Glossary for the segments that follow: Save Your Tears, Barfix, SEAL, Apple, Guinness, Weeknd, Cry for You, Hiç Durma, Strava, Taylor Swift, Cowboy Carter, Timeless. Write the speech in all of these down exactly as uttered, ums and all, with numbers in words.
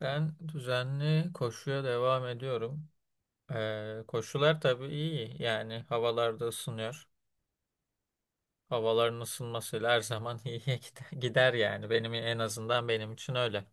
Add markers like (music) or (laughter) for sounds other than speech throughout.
Ben düzenli koşuya devam ediyorum. Ee, koşular tabii iyi. Yani havalarda ısınıyor. Havaların ısınmasıyla her zaman (laughs) iyiye gider gider yani. Benim en azından benim için öyle.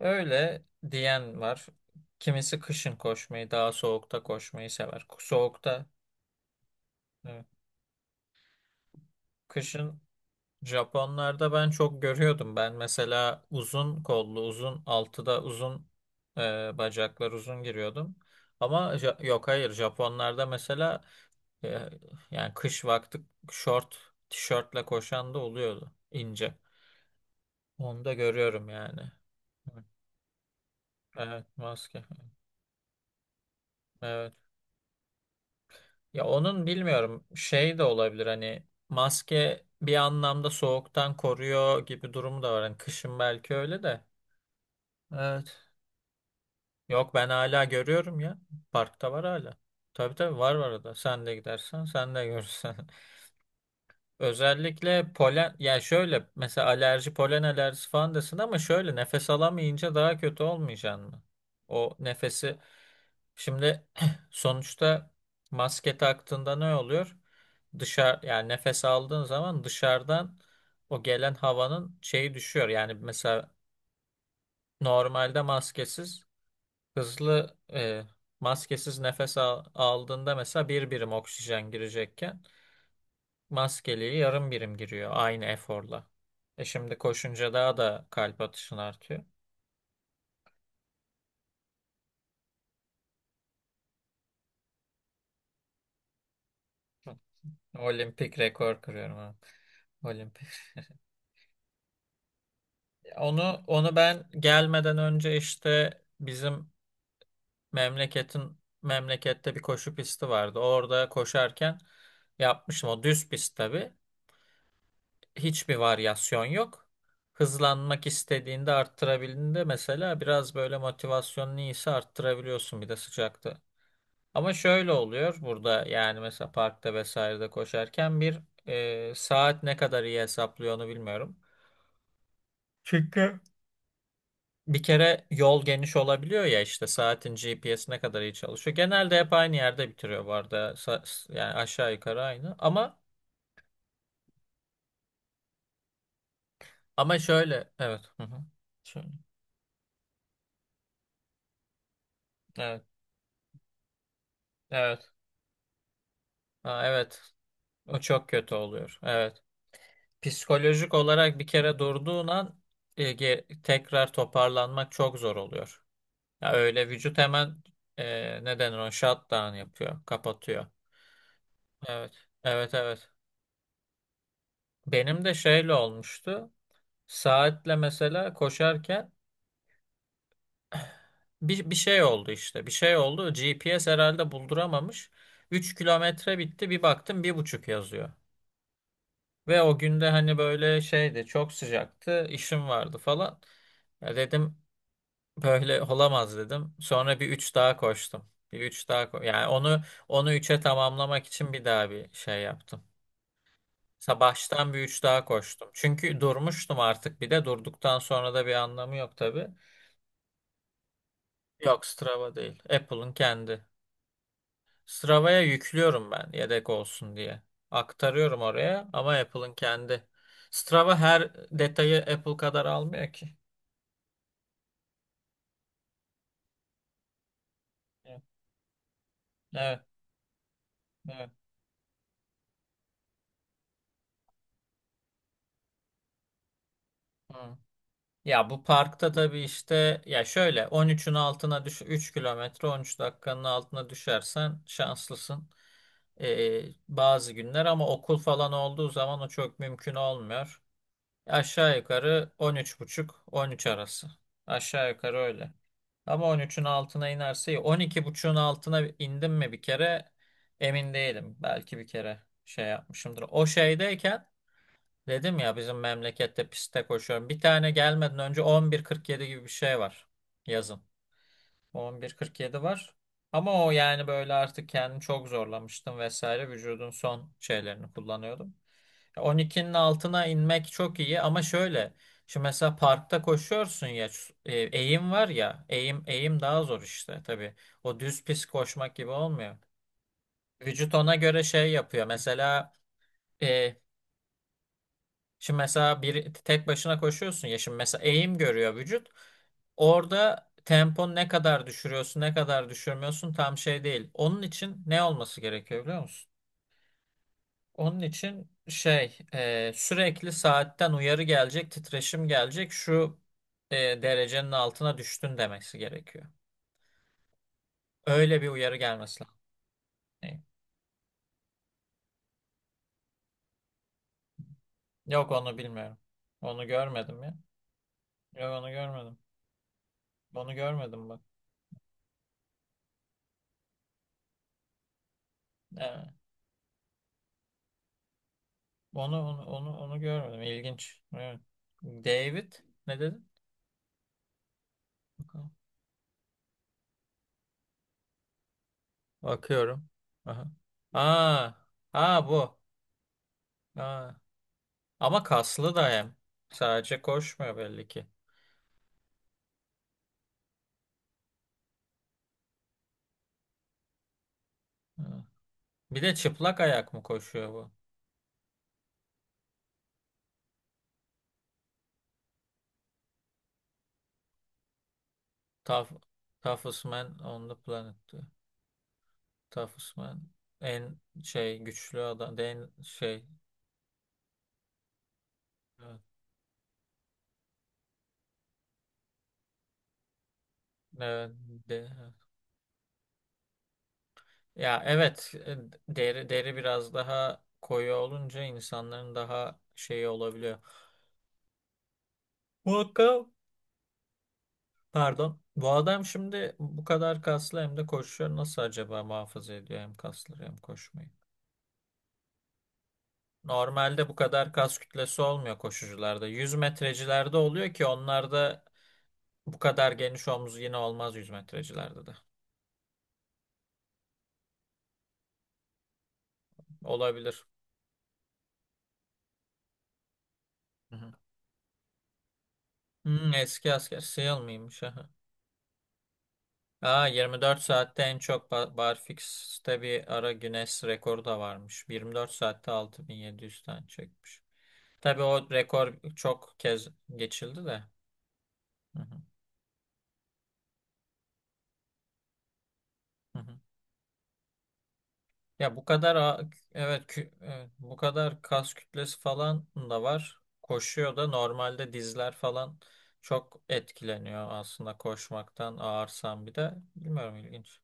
Öyle diyen var. Kimisi kışın koşmayı, daha soğukta koşmayı sever. Soğukta, evet. Kışın Japonlarda ben çok görüyordum. Ben mesela uzun kollu, uzun altıda uzun e, bacaklar uzun giriyordum. Ama Ja- yok, hayır, Japonlarda mesela e, yani kış vakti şort, tişörtle koşan da oluyordu ince. Onu da görüyorum yani. Evet, maske. Evet. Ya onun bilmiyorum şey de olabilir, hani maske bir anlamda soğuktan koruyor gibi durumu da var. Hani kışın belki öyle de. Evet. Yok, ben hala görüyorum ya. Parkta var hala. Tabii tabii, var var orada. Sen de gidersen sen de görürsen. (laughs) Özellikle polen, yani şöyle mesela alerji, polen alerjisi falan desin ama şöyle nefes alamayınca daha kötü olmayacaksın mı? O nefesi şimdi (clears throat) sonuçta maske taktığında ne oluyor? Dışarı yani nefes aldığın zaman dışarıdan o gelen havanın şeyi düşüyor. Yani mesela normalde maskesiz Hızlı e, maskesiz nefes al- aldığında mesela bir birim oksijen girecekken maskeliği yarım birim giriyor aynı eforla. E şimdi koşunca daha da kalp atışın artıyor. Hı. Olimpik rekor kırıyorum ha. Olimpik. Onu onu ben gelmeden önce işte bizim memleketin memlekette bir koşu pisti vardı. Orada koşarken yapmıştım. O düz pist tabii. Hiçbir varyasyon yok. Hızlanmak istediğinde, arttırabildiğinde mesela biraz böyle motivasyonun iyiyse arttırabiliyorsun bir de sıcakta. Ama şöyle oluyor burada, yani mesela parkta vesairede koşarken bir e, saat ne kadar iyi hesaplıyor onu bilmiyorum. Çünkü bir kere yol geniş olabiliyor ya, işte saatin G P S'i ne kadar iyi çalışıyor. Genelde hep aynı yerde bitiriyor bu arada. Sa- yani aşağı yukarı aynı. Ama ama şöyle evet. Hı hı. Şöyle. Evet. Evet. Ha, evet. O çok kötü oluyor. Evet. Psikolojik olarak bir kere durduğun an, e, ge- tekrar toparlanmak çok zor oluyor. Ya öyle vücut hemen e, ne denir, o shutdown yapıyor, kapatıyor. Evet. Evet, evet. Benim de şeyle olmuştu. Saatle mesela koşarken bir, bir şey oldu işte. Bir şey oldu. G P G P S herhalde bulduramamış. Üç kilometre bitti. Bir baktım bir buçuk yazıyor. Ve o günde hani böyle şeydi, çok sıcaktı, işim vardı falan. Ya dedim, böyle olamaz, dedim. Sonra bir üç daha koştum. Bir üç daha ko- yani onu onu üçe tamamlamak için bir daha bir şey yaptım. Sa- Baştan bir üç daha koştum. Çünkü durmuştum artık, bir de durduktan sonra da bir anlamı yok tabii. Yok, Strava değil. Apple'ın kendi. Strava'ya yüklüyorum ben, yedek olsun diye. Aktarıyorum oraya ama Apple'ın kendi. Strava her detayı Apple kadar almıyor ki. Evet, evet. Evet. Hı. Ya bu parkta tabii işte, ya şöyle on üçün altına düş üç kilometre on üç dakikanın altına düşersen şanslısın. Ee, bazı günler ama okul falan olduğu zaman o çok mümkün olmuyor. Aşağı yukarı on üç buçuk, on üç arası. Aşağı yukarı öyle. Ama on üçün altına inerse iyi. on iki buçuğun altına indim mi bir kere emin değilim. Belki bir kere şey yapmışımdır. O şeydeyken dedim ya, bizim memlekette pistte koşuyorum. Bir tane gelmeden önce on bir kırk yedi gibi bir şey var. Yazın. on bir kırk yedi var. Ama o yani böyle artık kendimi çok zorlamıştım vesaire. Vücudun son şeylerini kullanıyordum. on ikinin altına inmek çok iyi ama şöyle. Şimdi mesela parkta koşuyorsun ya, şu- e, eğim var ya, eğim eğim daha zor işte tabii. O düz pis koşmak gibi olmuyor. Vücut ona göre şey yapıyor. Mesela e, şimdi mesela bir tek başına koşuyorsun ya, şimdi mesela eğim görüyor vücut. Orada tempon ne kadar düşürüyorsun, ne kadar düşürmüyorsun tam şey değil. Onun için ne olması gerekiyor biliyor musun? Onun için şey e, sürekli saatten uyarı gelecek, titreşim gelecek. Şu e, derecenin altına düştün demesi gerekiyor. Öyle bir uyarı gelmesi lazım. E, Yok, onu bilmiyorum. Onu görmedim ya. Yok, onu görmedim. Onu görmedim bak. E, Onu onu onu onu görmedim. İlginç. Evet. David, ne dedin? Bakalım. Bakıyorum. Aha. Aa, aa bu. Aa. Ama kaslı da hem. Sadece koşmuyor belli ki. Ha. Bir de çıplak ayak mı koşuyor bu? Tough, toughest man on the planet, diyor. Toughest man. En şey, güçlü adam. En şey. Evet. Evet. De, ya evet e, deri deri biraz daha koyu olunca insanların daha şeyi olabiliyor. Bu hakka- pardon. Bu adam şimdi bu kadar kaslı hem de koşuyor. Nasıl acaba muhafaza ediyor hem kasları hem koşmayı? Normalde bu kadar kas kütlesi olmuyor koşucularda. Yüz metrecilerde oluyor, ki onlarda bu kadar geniş omuz yine olmaz yüz metrecilerde de. Olabilir. Hı hı. Hmm, eski asker. SEAL mıymış? (laughs) Aa, yirmi dört saatte en çok Ba- Barfix'te bir ara Guinness rekoru da varmış. yirmi dört saatte altı bin yedi yüz tane çekmiş. Tabii o rekor çok kez geçildi de. Hı hı, hı hı. Ya bu kadar a- evet, kü- evet, bu kadar kas kütlesi falan da var. Koşuyor da, normalde dizler falan çok etkileniyor aslında koşmaktan, ağırsam bir de. Bilmiyorum, ilginç.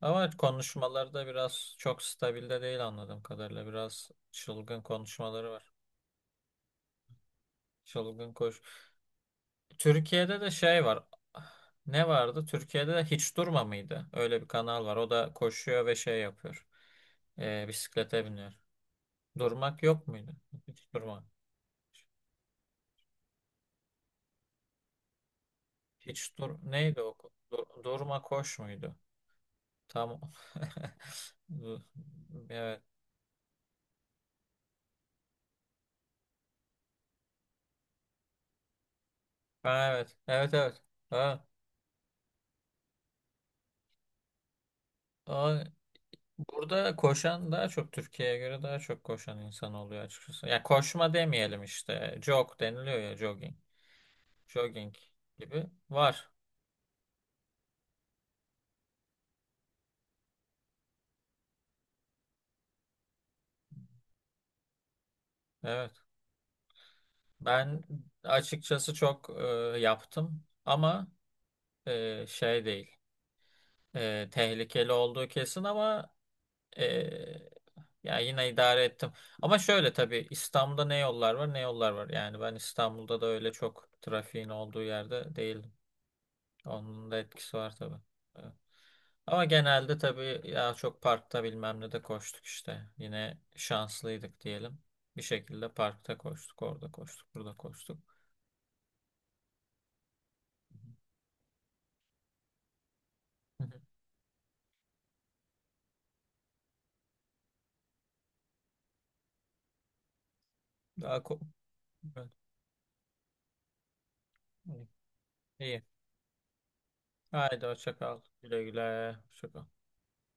Ama konuşmalarda biraz çok stabilde değil, anladığım kadarıyla. Biraz çılgın konuşmaları var. Çılgın koş. Türkiye'de de şey var. Ne vardı? Türkiye'de de Hiç Durma mıydı? Öyle bir kanal var. O da koşuyor ve şey yapıyor. Ee, bisiklete biniyor. Durmak yok muydu? Hiç Durma. Hiç dur. Neydi o? Dur- durma koş muydu? Tamam. (laughs) Evet. Ha, evet. Evet, evet. Ha. Aa, burada koşan, daha çok Türkiye'ye göre daha çok koşan insan oluyor açıkçası. Ya koşma demeyelim işte. Jog deniliyor ya, jogging. Jogging gibi var. Evet. Ben açıkçası çok e, yaptım ama e, şey değil. E, tehlikeli olduğu kesin ama e, ya yine idare ettim. Ama şöyle tabii, İstanbul'da ne yollar var ne yollar var. Yani ben İstanbul'da da öyle çok trafiğin olduğu yerde değil. Onun da etkisi var tabii. Evet. Ama genelde tabii ya çok parkta bilmem ne de koştuk işte. Yine şanslıydık diyelim. Bir şekilde parkta koştuk, orada koştuk, burada koştuk. Hı hı. Daha ko- Evet. İyi. Haydi hoşça kal. Güle güle. Hoşça kal.